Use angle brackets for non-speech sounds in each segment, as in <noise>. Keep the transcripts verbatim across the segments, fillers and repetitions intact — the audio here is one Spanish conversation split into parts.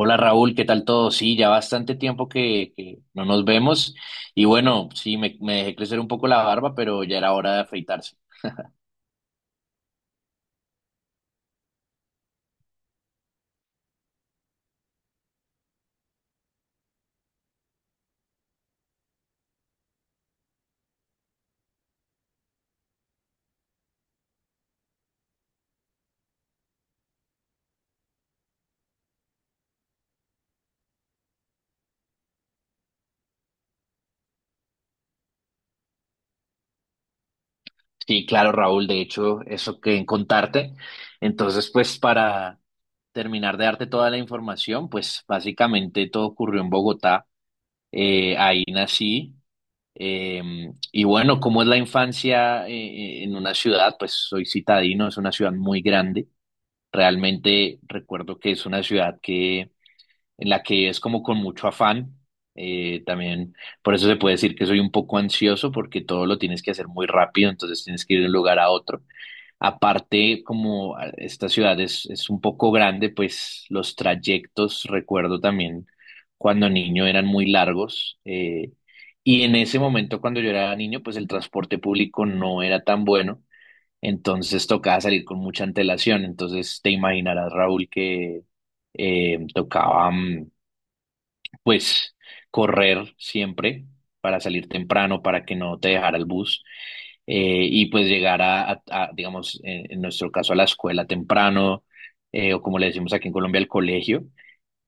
Hola Raúl, ¿qué tal todo? Sí, ya bastante tiempo que, que no nos vemos y bueno, sí, me, me dejé crecer un poco la barba, pero ya era hora de afeitarse. Sí, claro Raúl, de hecho, eso que contarte. Entonces, pues para terminar de darte toda la información, pues básicamente todo ocurrió en Bogotá. Eh, ahí nací. Eh, y bueno, ¿cómo es la infancia eh, en una ciudad? Pues soy citadino, es una ciudad muy grande. Realmente recuerdo que es una ciudad que en la que es como con mucho afán. Eh, también por eso se puede decir que soy un poco ansioso porque todo lo tienes que hacer muy rápido, entonces tienes que ir de un lugar a otro. Aparte, como a- esta ciudad es, es un poco grande, pues los trayectos, recuerdo también cuando niño eran muy largos. Eh, y en ese momento, cuando yo era niño, pues el transporte público no era tan bueno, entonces tocaba salir con mucha antelación. Entonces te imaginarás, Raúl, que eh, tocaba, mm, pues, correr siempre para salir temprano, para que no te dejara el bus, eh, y pues llegar a, a- a, digamos, en, en nuestro caso, a la escuela temprano, eh, o como le decimos aquí en Colombia, al colegio.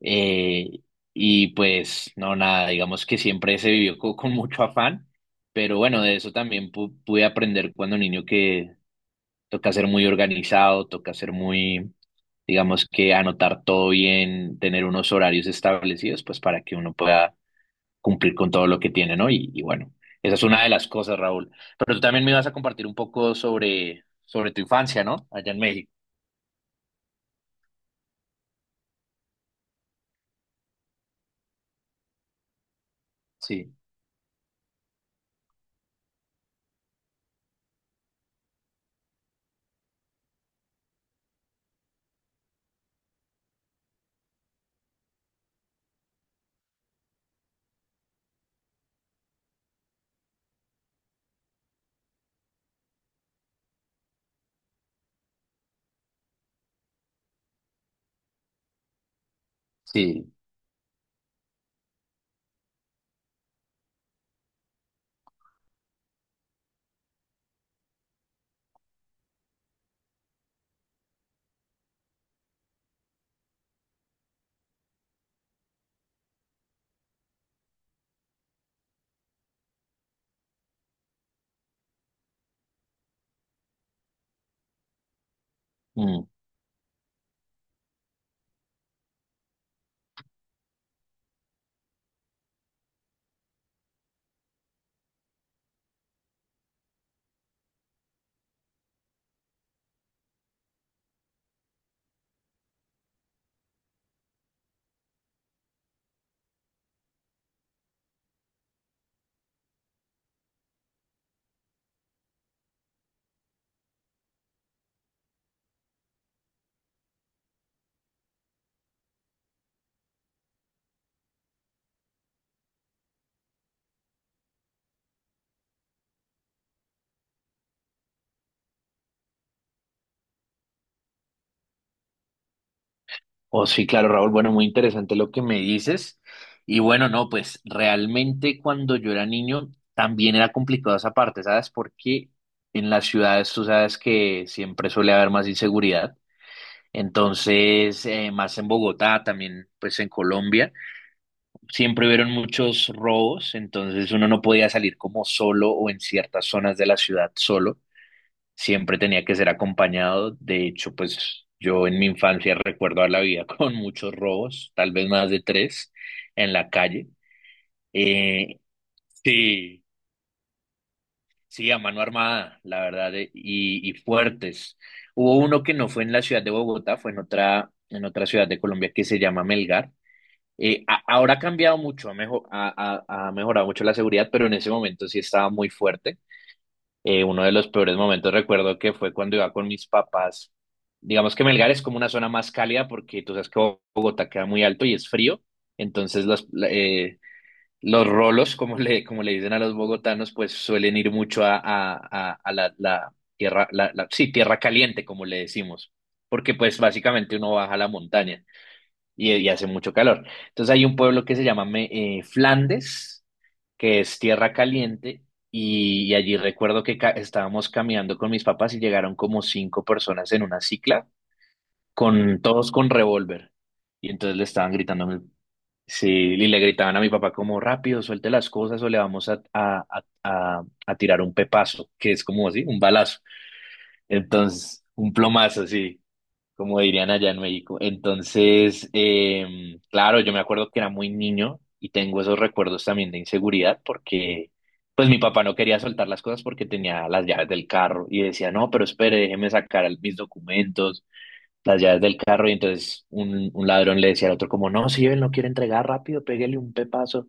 eh, y pues no, nada, digamos que siempre se vivió co- con mucho afán, pero bueno, de eso también pu- pude aprender cuando niño que toca ser muy organizado, toca ser muy digamos que anotar todo bien, tener unos horarios establecidos, pues para que uno pueda cumplir con todo lo que tiene, ¿no? Y, y bueno, esa es una de las cosas, Raúl. Pero tú también me ibas a compartir un poco sobre, sobre tu infancia, ¿no? Allá en México. Sí, sí. Mm. Oh, sí, claro, Raúl. Bueno, muy interesante lo que me dices. Y bueno, no, pues realmente cuando yo era niño también era complicado esa parte, ¿sabes? Porque en las ciudades tú sabes que siempre suele haber más inseguridad. Entonces, eh, más en Bogotá, también pues en Colombia. Siempre hubieron muchos robos, entonces uno no podía salir como solo o en ciertas zonas de la ciudad solo, siempre tenía que ser acompañado. De hecho, pues yo en mi infancia recuerdo a la vida <laughs> con muchos robos, tal vez más de tres en la calle. Eh, sí, sí, a mano armada, la verdad, eh, y, y fuertes. Hubo uno que no fue en la ciudad de Bogotá, fue en otra, en otra, ciudad de Colombia que se llama Melgar. Eh, a- ahora ha cambiado mucho, ha, mejo- ha- ha- ha mejorado mucho la seguridad, pero en ese momento sí estaba muy fuerte. Eh, uno de los peores momentos recuerdo que fue cuando iba con mis papás. Digamos que Melgar es como una zona más cálida porque tú sabes que Bo- Bogotá queda muy alto y es frío, entonces los, la- eh, los rolos, como <laughs> le, como le dicen a los bogotanos, pues suelen ir mucho a, a- a- a la, la tierra, la, la- sí, tierra caliente, como le decimos, porque pues básicamente uno baja a la montaña y, y hace mucho calor. Entonces hay un pueblo que se llama Me- eh, Flandes, que es tierra caliente, y, y allí recuerdo que ca- estábamos caminando con mis papás y llegaron como cinco personas en una cicla, con todos con revólver. Y entonces le estaban gritando, a mi- Sí, y le gritaban a mi papá como rápido, suelte las cosas o le vamos a, a, a, a, a tirar un pepazo, que es como así, un balazo. Entonces, un plomazo, sí, como dirían allá en México. Entonces, em, claro, yo me acuerdo que era muy niño y tengo esos recuerdos también de inseguridad porque pues mi papá no quería soltar las cosas porque tenía las llaves del carro y decía, no, pero espere, déjeme sacar el- mis documentos, las llaves del carro. Y entonces un, un, ladrón le decía al otro como, no, si él no quiere entregar rápido, pégale un pepazo.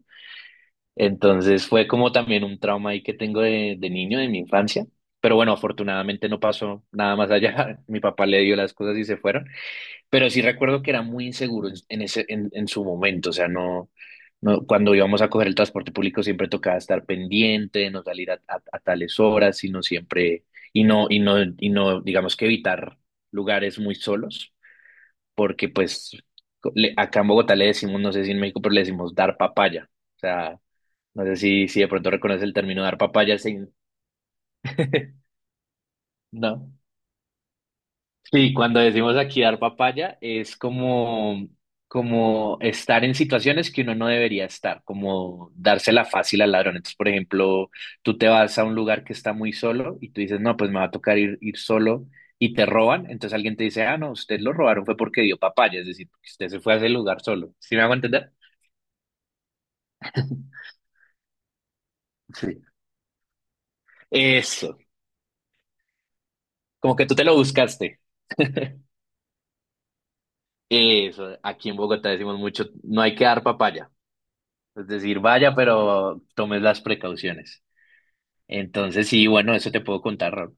Entonces fue como también un trauma ahí que tengo de, de niño, de mi infancia. Pero bueno, afortunadamente no pasó nada más allá. <laughs> Mi papá le dio las cosas y se fueron. Pero sí recuerdo que era muy inseguro en, en ese, en, en su momento, o sea, no, no, cuando íbamos a coger el transporte público siempre tocaba estar pendiente, de no salir a, a- a tales horas, sino siempre, y no, y no, y no, digamos que evitar lugares muy solos, porque pues co- le- acá en Bogotá le decimos, no sé si en México, pero le decimos dar papaya. O sea, no sé si, si de pronto reconoce el término dar papaya, sin... <laughs> ¿no? Sí, cuando decimos aquí dar papaya, es como, como estar en situaciones que uno no debería estar, como dársela fácil al ladrón. Entonces, por ejemplo, tú te vas a un lugar que está muy solo y tú dices, no, pues me va a tocar ir, ir solo y te roban. Entonces alguien te dice, ah, no, usted lo robaron fue porque dio papaya, es decir, porque usted se fue a ese lugar solo. ¿Sí me hago entender? <laughs> Sí. Eso, como que tú te lo buscaste. Eso, aquí en Bogotá decimos mucho, no hay que dar papaya. Es decir, vaya, pero tomes las precauciones. Entonces, sí, bueno, eso te puedo contar, Raúl.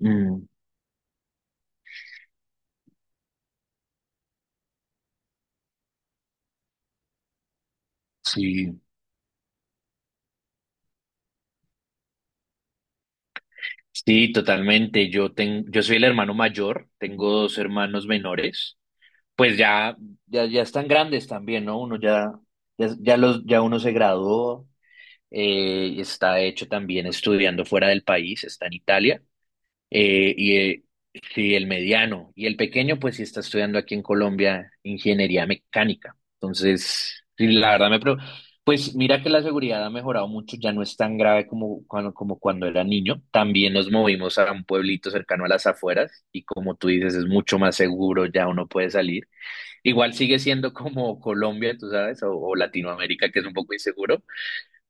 Mm, sí, sí, totalmente. Yo ten- yo soy el hermano mayor, tengo dos hermanos menores. Pues ya, ya, ya están grandes también, ¿no? Uno ya, ya, ya los, ya uno se graduó, eh, y está de hecho también estudiando fuera del país, está en Italia. Eh, y eh, sí, el mediano. Y el pequeño, pues sí está estudiando aquí en Colombia ingeniería mecánica. Entonces, sí, la verdad me... pro- Pues mira que la seguridad ha mejorado mucho, ya no es tan grave como cuando, como cuando era niño. También nos movimos a un pueblito cercano a las afueras y como tú dices, es mucho más seguro, ya uno puede salir. Igual sigue siendo como Colombia, tú sabes, o, o Latinoamérica, que es un poco inseguro,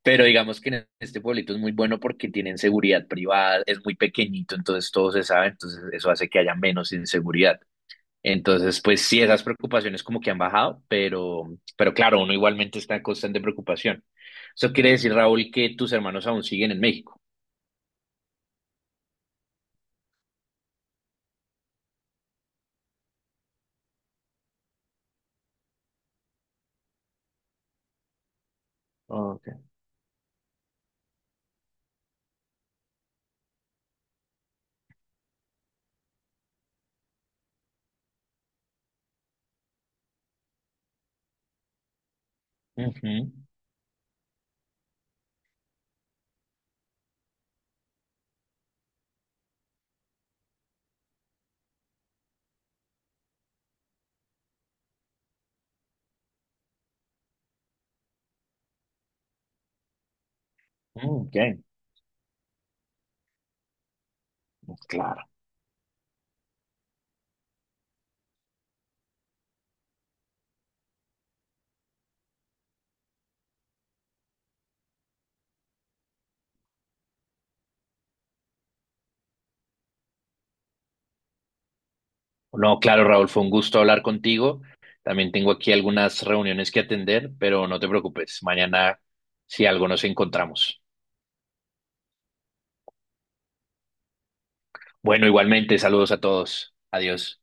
pero digamos que en este pueblito es muy bueno porque tienen seguridad privada, es muy pequeñito, entonces todo se sabe, entonces eso hace que haya menos inseguridad. Entonces, pues sí, esas preocupaciones como que han bajado, pero, pero claro, uno igualmente está en constante preocupación. Eso quiere decir, Raúl, que tus hermanos aún siguen en México. Okay. Ujú. Ok, claro. No, claro, Raúl, fue un gusto hablar contigo. También tengo aquí algunas reuniones que atender, pero no te preocupes. Mañana, si algo, nos encontramos. Bueno, igualmente, saludos a todos. Adiós.